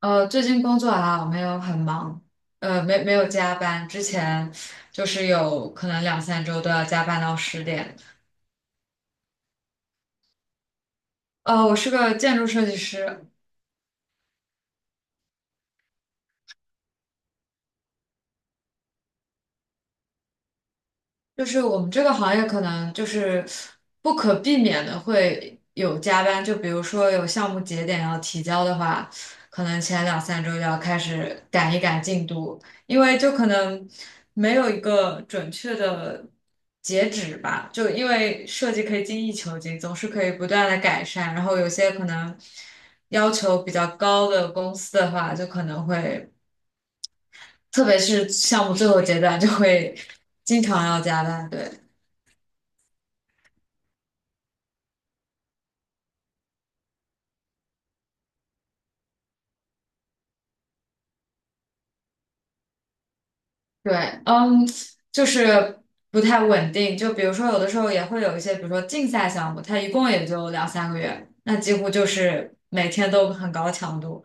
最近工作啊，没有很忙，没有加班。之前就是有可能两三周都要加班到10点。我是个建筑设计师，就是我们这个行业可能就是不可避免的会有加班，就比如说有项目节点要提交的话，可能前两三周就要开始赶一赶进度，因为就可能没有一个准确的截止吧，就因为设计可以精益求精，总是可以不断的改善，然后有些可能要求比较高的公司的话，就可能会，特别是项目最后阶段，就会经常要加班，对。对，嗯，就是不太稳定。就比如说，有的时候也会有一些，比如说竞赛项目，它一共也就两三个月，那几乎就是每天都很高强度。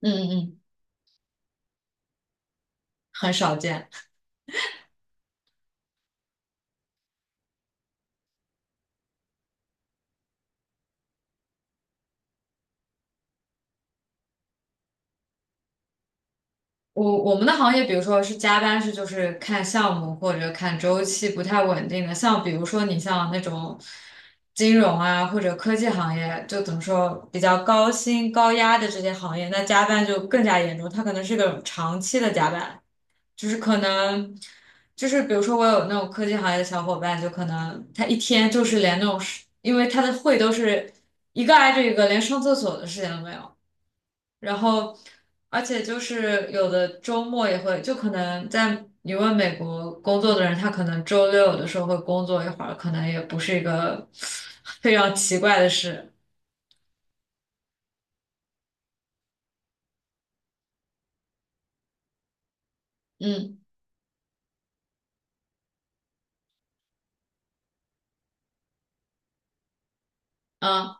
嗯嗯，嗯，很少见。我们的行业，比如说是加班，是就是看项目或者看周期不太稳定的。像比如说你像那种金融啊或者科技行业，就怎么说比较高薪高压的这些行业，那加班就更加严重，它可能是个长期的加班。就是可能，就是比如说我有那种科技行业的小伙伴，就可能他一天就是连那种事，因为他的会都是一个挨着一个，连上厕所的时间都没有。然后，而且就是有的周末也会，就可能在你问美国工作的人，他可能周六有的时候会工作一会儿，可能也不是一个 非常奇怪的事。嗯嗯，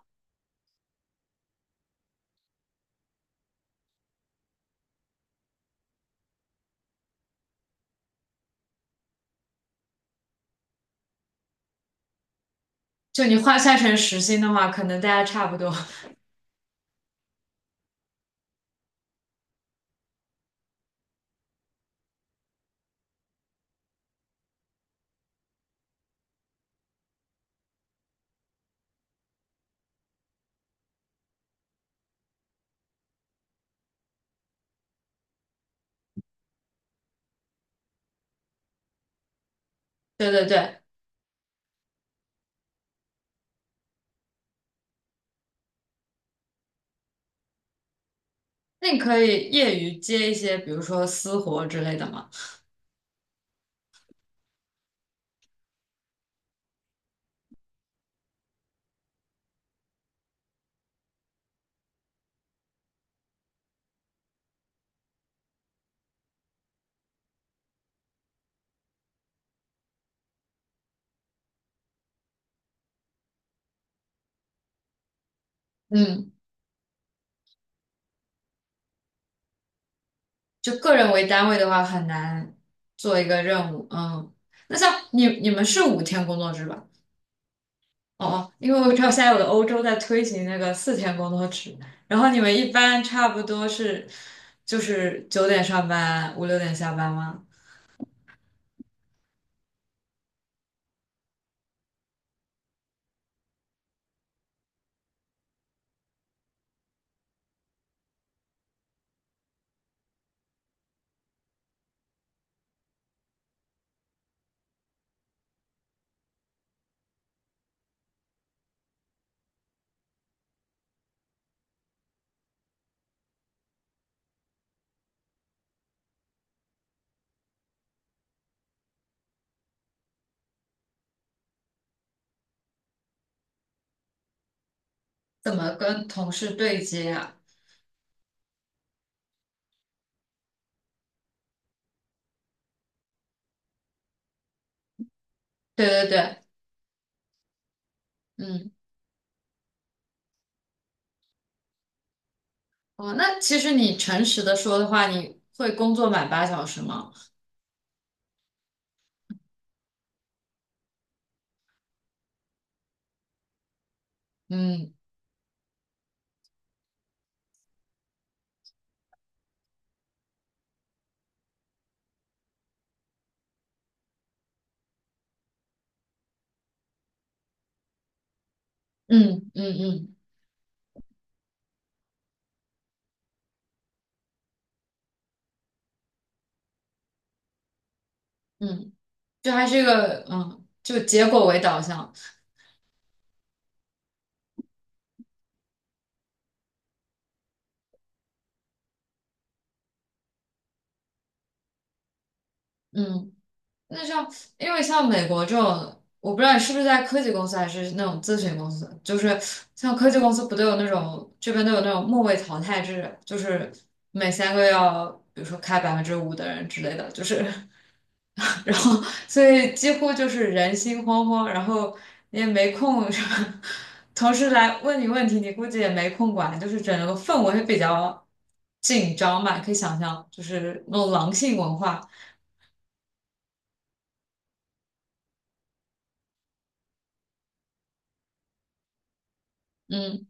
就你换算成时薪的话，可能大家差不多。对对对。那你可以业余接一些，比如说私活之类的吗？嗯，就个人为单位的话，很难做一个任务。嗯，那像你们是5天工作制吧？哦哦，因为我知道现在有的欧洲在推行那个4天工作制，然后你们一般差不多是就是9点上班，五六点下班吗？怎么跟同事对接啊？对对对，嗯，哦，那其实你诚实的说的话，你会工作满8小时吗？嗯嗯嗯嗯。嗯，就还是一个嗯，就结果为导向，嗯，那像因为像美国这种，我不知道你是不是在科技公司还是那种咨询公司，就是像科技公司不都有那种这边都有那种末位淘汰制，就是每三个要比如说开5%的人之类的，就是。然后所以几乎就是人心惶惶，然后你也没空什么，同事来问你问题，你估计也没空管，就是整个氛围比较紧张吧，可以想象，就是那种狼性文化。嗯，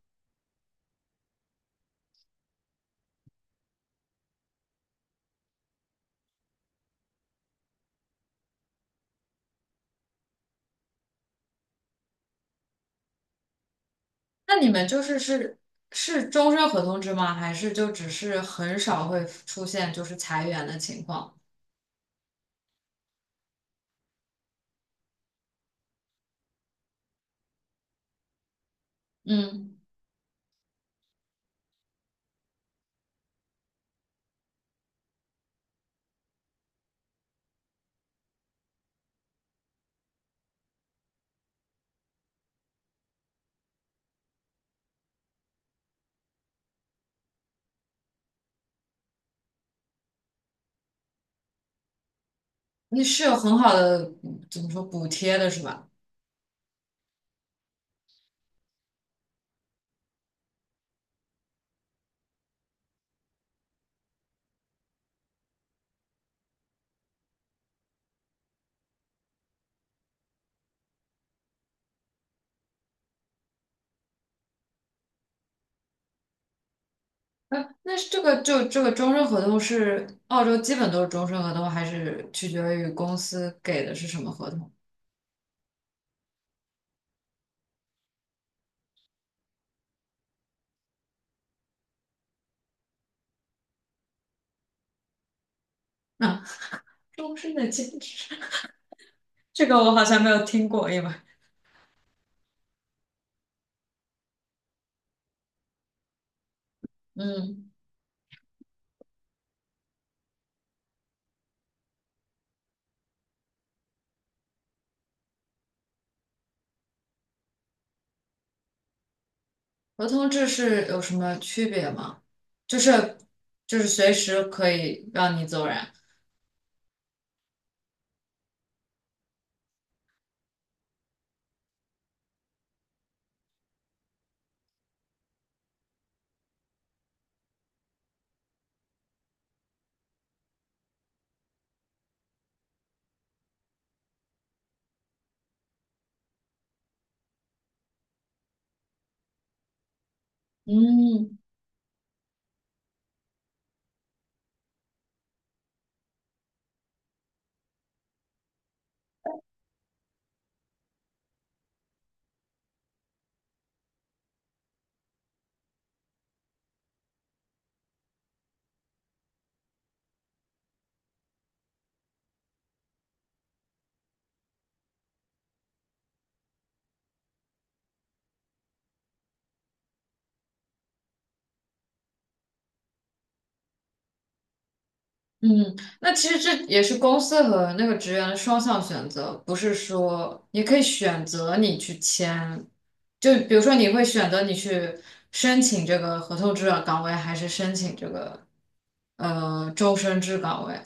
那你们是终身合同制吗？还是就只是很少会出现就是裁员的情况？嗯，你是有很好的怎么说补贴的是吧？哎，那是这个就这个终身合同是澳洲基本都是终身合同，还是取决于公司给的是什么合同？啊，终身的兼职，这个我好像没有听过，因为嗯，合同制是有什么区别吗？就是就是随时可以让你走人。嗯，嗯，那其实这也是公司和那个职员的双向选择，不是说你可以选择你去签，就比如说你会选择你去申请这个合同制的岗位，还是申请这个终身制岗位？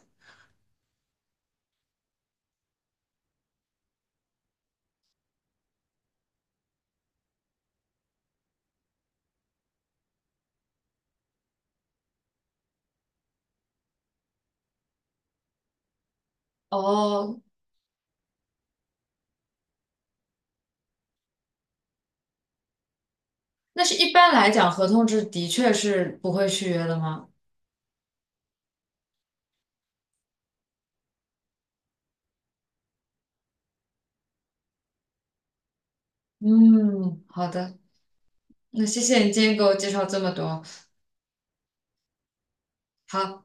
哦，那是一般来讲，合同制的确是不会续约的吗？嗯，好的，那谢谢你今天给我介绍这么多。好，